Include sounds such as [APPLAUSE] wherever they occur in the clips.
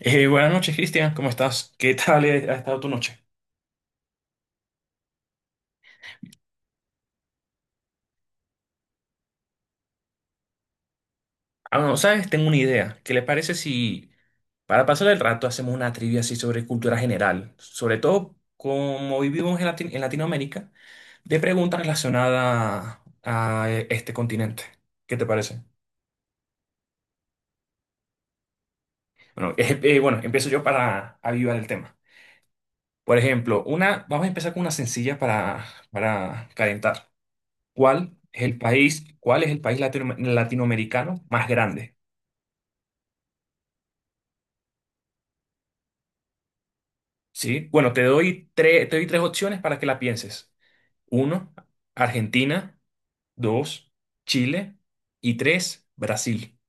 Buenas noches, Cristian, ¿cómo estás? ¿Qué tal ha estado tu noche? Ah, no, ¿sabes? Tengo una idea. ¿Qué le parece si para pasar el rato hacemos una trivia así sobre cultura general? Sobre todo como vivimos en, en Latinoamérica, de preguntas relacionadas a este continente. ¿Qué te parece? Bueno, [LAUGHS] bueno, empiezo yo para avivar el tema. Por ejemplo, vamos a empezar con una sencilla para calentar. ¿Cuál es el país, cuál es el país latinoamericano más grande? Sí, bueno, te doy tres opciones para que la pienses. Uno, Argentina. Dos, Chile. Y tres, Brasil. [LAUGHS]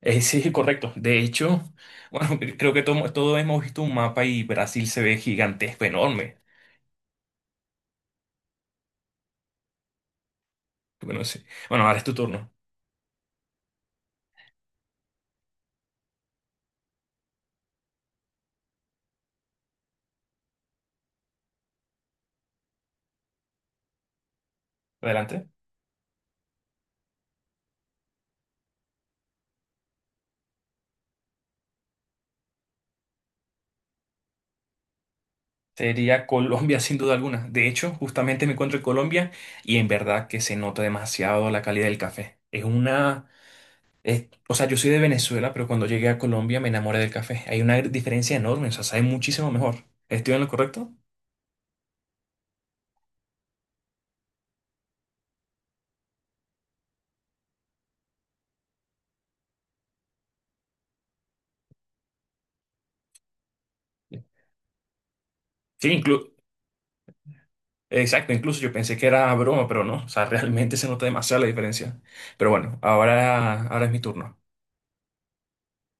Sí, correcto. De hecho, bueno, [LAUGHS] creo que todos hemos visto un mapa y Brasil se ve gigantesco, enorme. Bueno, sí. Bueno, ahora es tu turno. Adelante. Sería Colombia [LAUGHS] sin duda alguna. De hecho, justamente me encuentro en Colombia y en verdad que se nota demasiado la calidad del café. Es una. O sea, yo soy de Venezuela, pero cuando llegué a Colombia me enamoré del café. Hay una diferencia enorme, o sea, sabe muchísimo mejor. ¿Estoy en lo correcto? Sí, exacto, incluso yo pensé que era broma, pero no, o sea, [LAUGHS] realmente se nota demasiado la diferencia. Pero bueno, ahora, ahora es mi turno.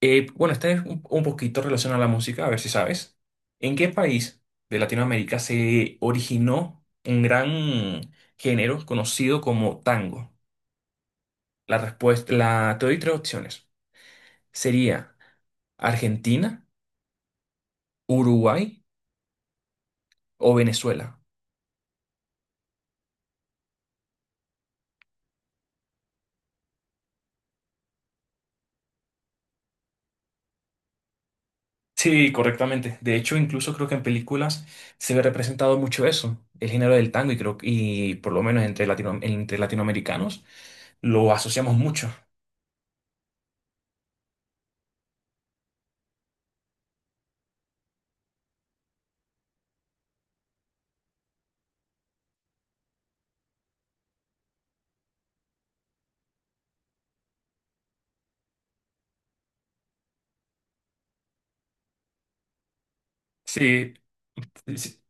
Bueno, esta es un poquito relacionada a la música, a ver si sabes. ¿En qué país de Latinoamérica se originó un gran género conocido como tango? La respuesta, la, te doy tres opciones. Sería Argentina. Uruguay o Venezuela. Sí, correctamente. De hecho, incluso creo que en películas se ve representado mucho eso, el género del tango, y creo y por lo menos entre entre latinoamericanos lo asociamos mucho. Sí, sí, sí.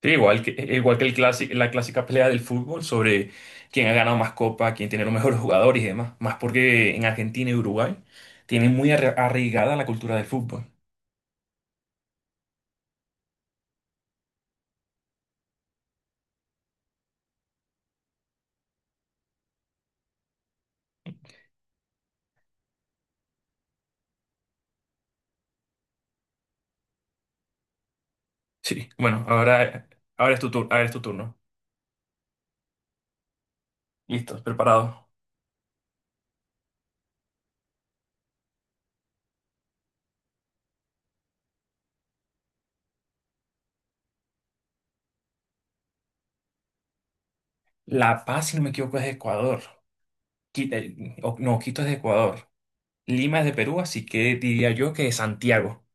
Sí, igual que, e, igual que el la clásica pelea del fútbol sobre quién ha ganado más copa, quién tiene los mejores jugadores y demás. Más porque en Argentina y Uruguay tienen muy arraigada la cultura del fútbol. Sí, bueno, ahora, ahora es tu ahora es tu turno. Listo, preparado. La Paz, si no me equivoco, es de Ecuador. Quito, no, Quito es de Ecuador. Lima es de Perú, así que diría yo que es Santiago.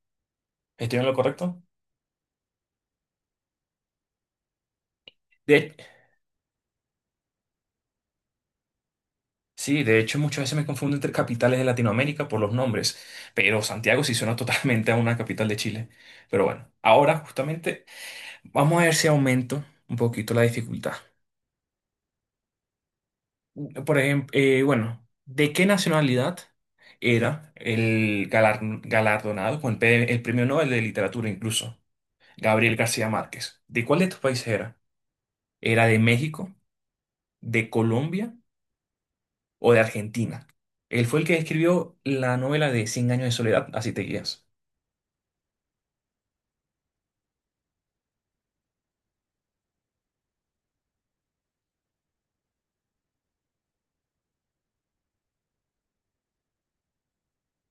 ¿Estoy en lo correcto? De, sí, de hecho, muchas veces me confundo entre capitales de Latinoamérica por los nombres, pero Santiago sí suena [LAUGHS] totalmente a una capital de Chile. Pero bueno, ahora justamente vamos a ver si aumento un poquito la dificultad. Por ejemplo, bueno, ¿de qué nacionalidad era el galardonado con el el premio Nobel de Literatura incluso? Gabriel García Márquez. ¿De cuál de estos países era? ¿Era de México, de Colombia o de Argentina? Él fue el que escribió la novela de Cien años de soledad, así te guías. [LAUGHS]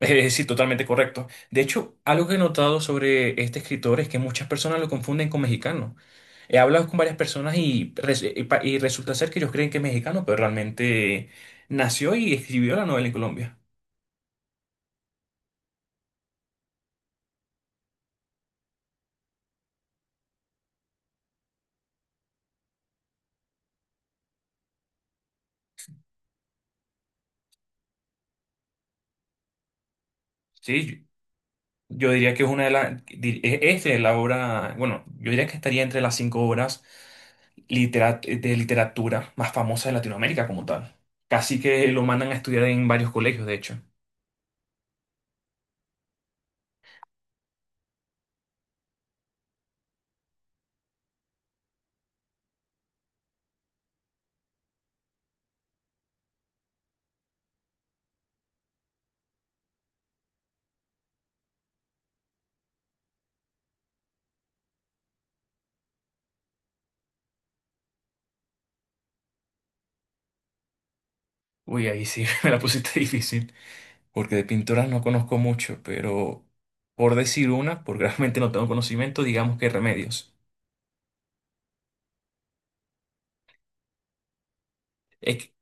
Es decir, totalmente correcto. De hecho, algo que he notado sobre este escritor es que muchas personas lo confunden con mexicano. He hablado con varias personas y resulta ser que ellos creen que es mexicano, pero realmente nació y escribió la novela en Colombia. Sí, yo diría que es una de las. Es la obra. Bueno, yo diría que estaría entre las cinco obras de literatura más famosas de Latinoamérica como tal. Casi que lo mandan a estudiar en varios colegios, de hecho. Uy, ahí sí [LAUGHS] me la pusiste difícil. Porque de pintoras no conozco mucho, pero por decir una, porque realmente no tengo conocimiento, digamos que Remedios. Es que-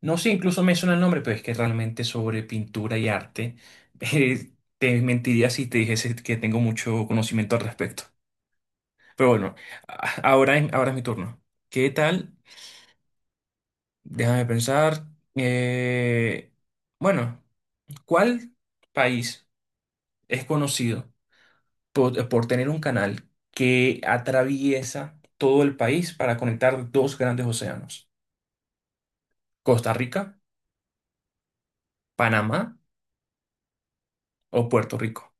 no sé, incluso me suena el nombre, pero es que realmente sobre pintura y arte, [LAUGHS] eh, te mentiría si te dijese que tengo mucho conocimiento al respecto. Pero bueno, ahora es mi turno. ¿Qué tal? Déjame pensar. Eh, bueno, ¿cuál país es conocido por tener un canal que atraviesa todo el país para conectar dos grandes océanos? ¿Costa Rica, Panamá o Puerto Rico?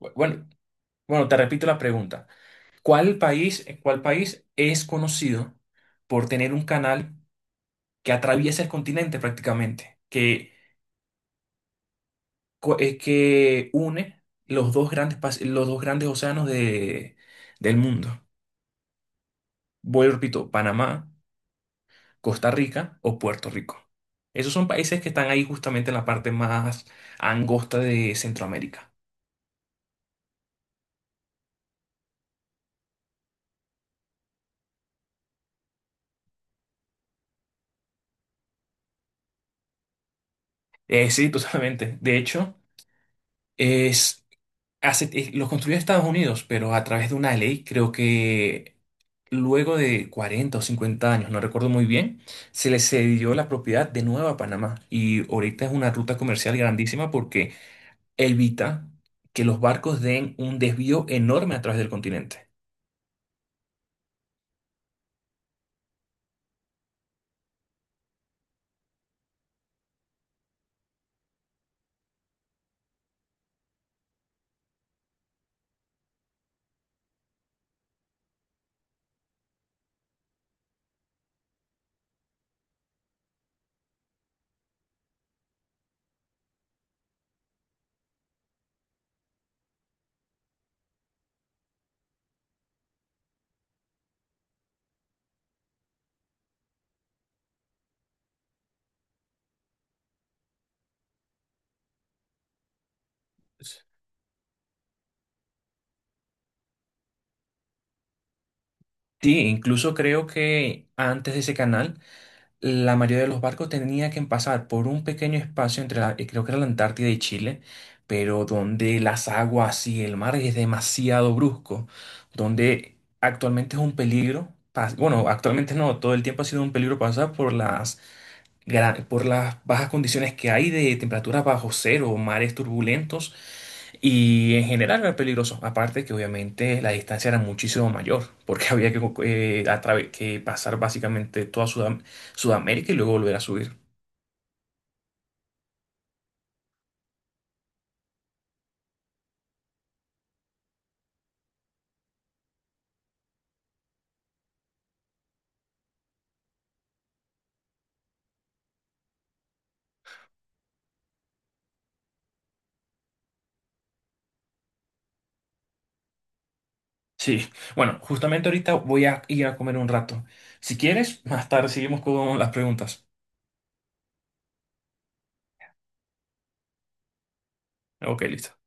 Bueno, bueno, te repito la pregunta. Cuál país es conocido por tener un canal que atraviesa el continente prácticamente? Que que une los dos grandes, los dos grandes océanos de, del mundo. Vuelvo, y repito, Panamá, Costa Rica o Puerto Rico. Esos son países que están ahí justamente en la parte más angosta de Centroamérica. Sí, [LAUGHS] totalmente. De hecho, es... los construyó Estados Unidos, pero a través de una ley, creo que luego de 40 o 50 años, no recuerdo muy bien, se le cedió la propiedad de nuevo a Panamá. Y ahorita es una ruta comercial grandísima porque evita que los barcos den un desvío enorme a través del continente. Sí, incluso creo que antes de ese canal la mayoría de los barcos tenía que pasar por un pequeño espacio entre la, creo que era la Antártida y Chile, pero donde las aguas y el mar es demasiado brusco, donde actualmente es un peligro, bueno, actualmente no, todo el tiempo ha sido un peligro pasar por las por las bajas condiciones que hay de temperaturas bajo cero, mares turbulentos y en general era peligroso. Aparte que obviamente la distancia era muchísimo mayor porque [LAUGHS] había que, que pasar básicamente toda Sudamérica y luego volver a subir. Sí, bueno, justamente ahorita voy a ir a comer un rato. Si quieres, más tarde seguimos con las preguntas. Ok, listo.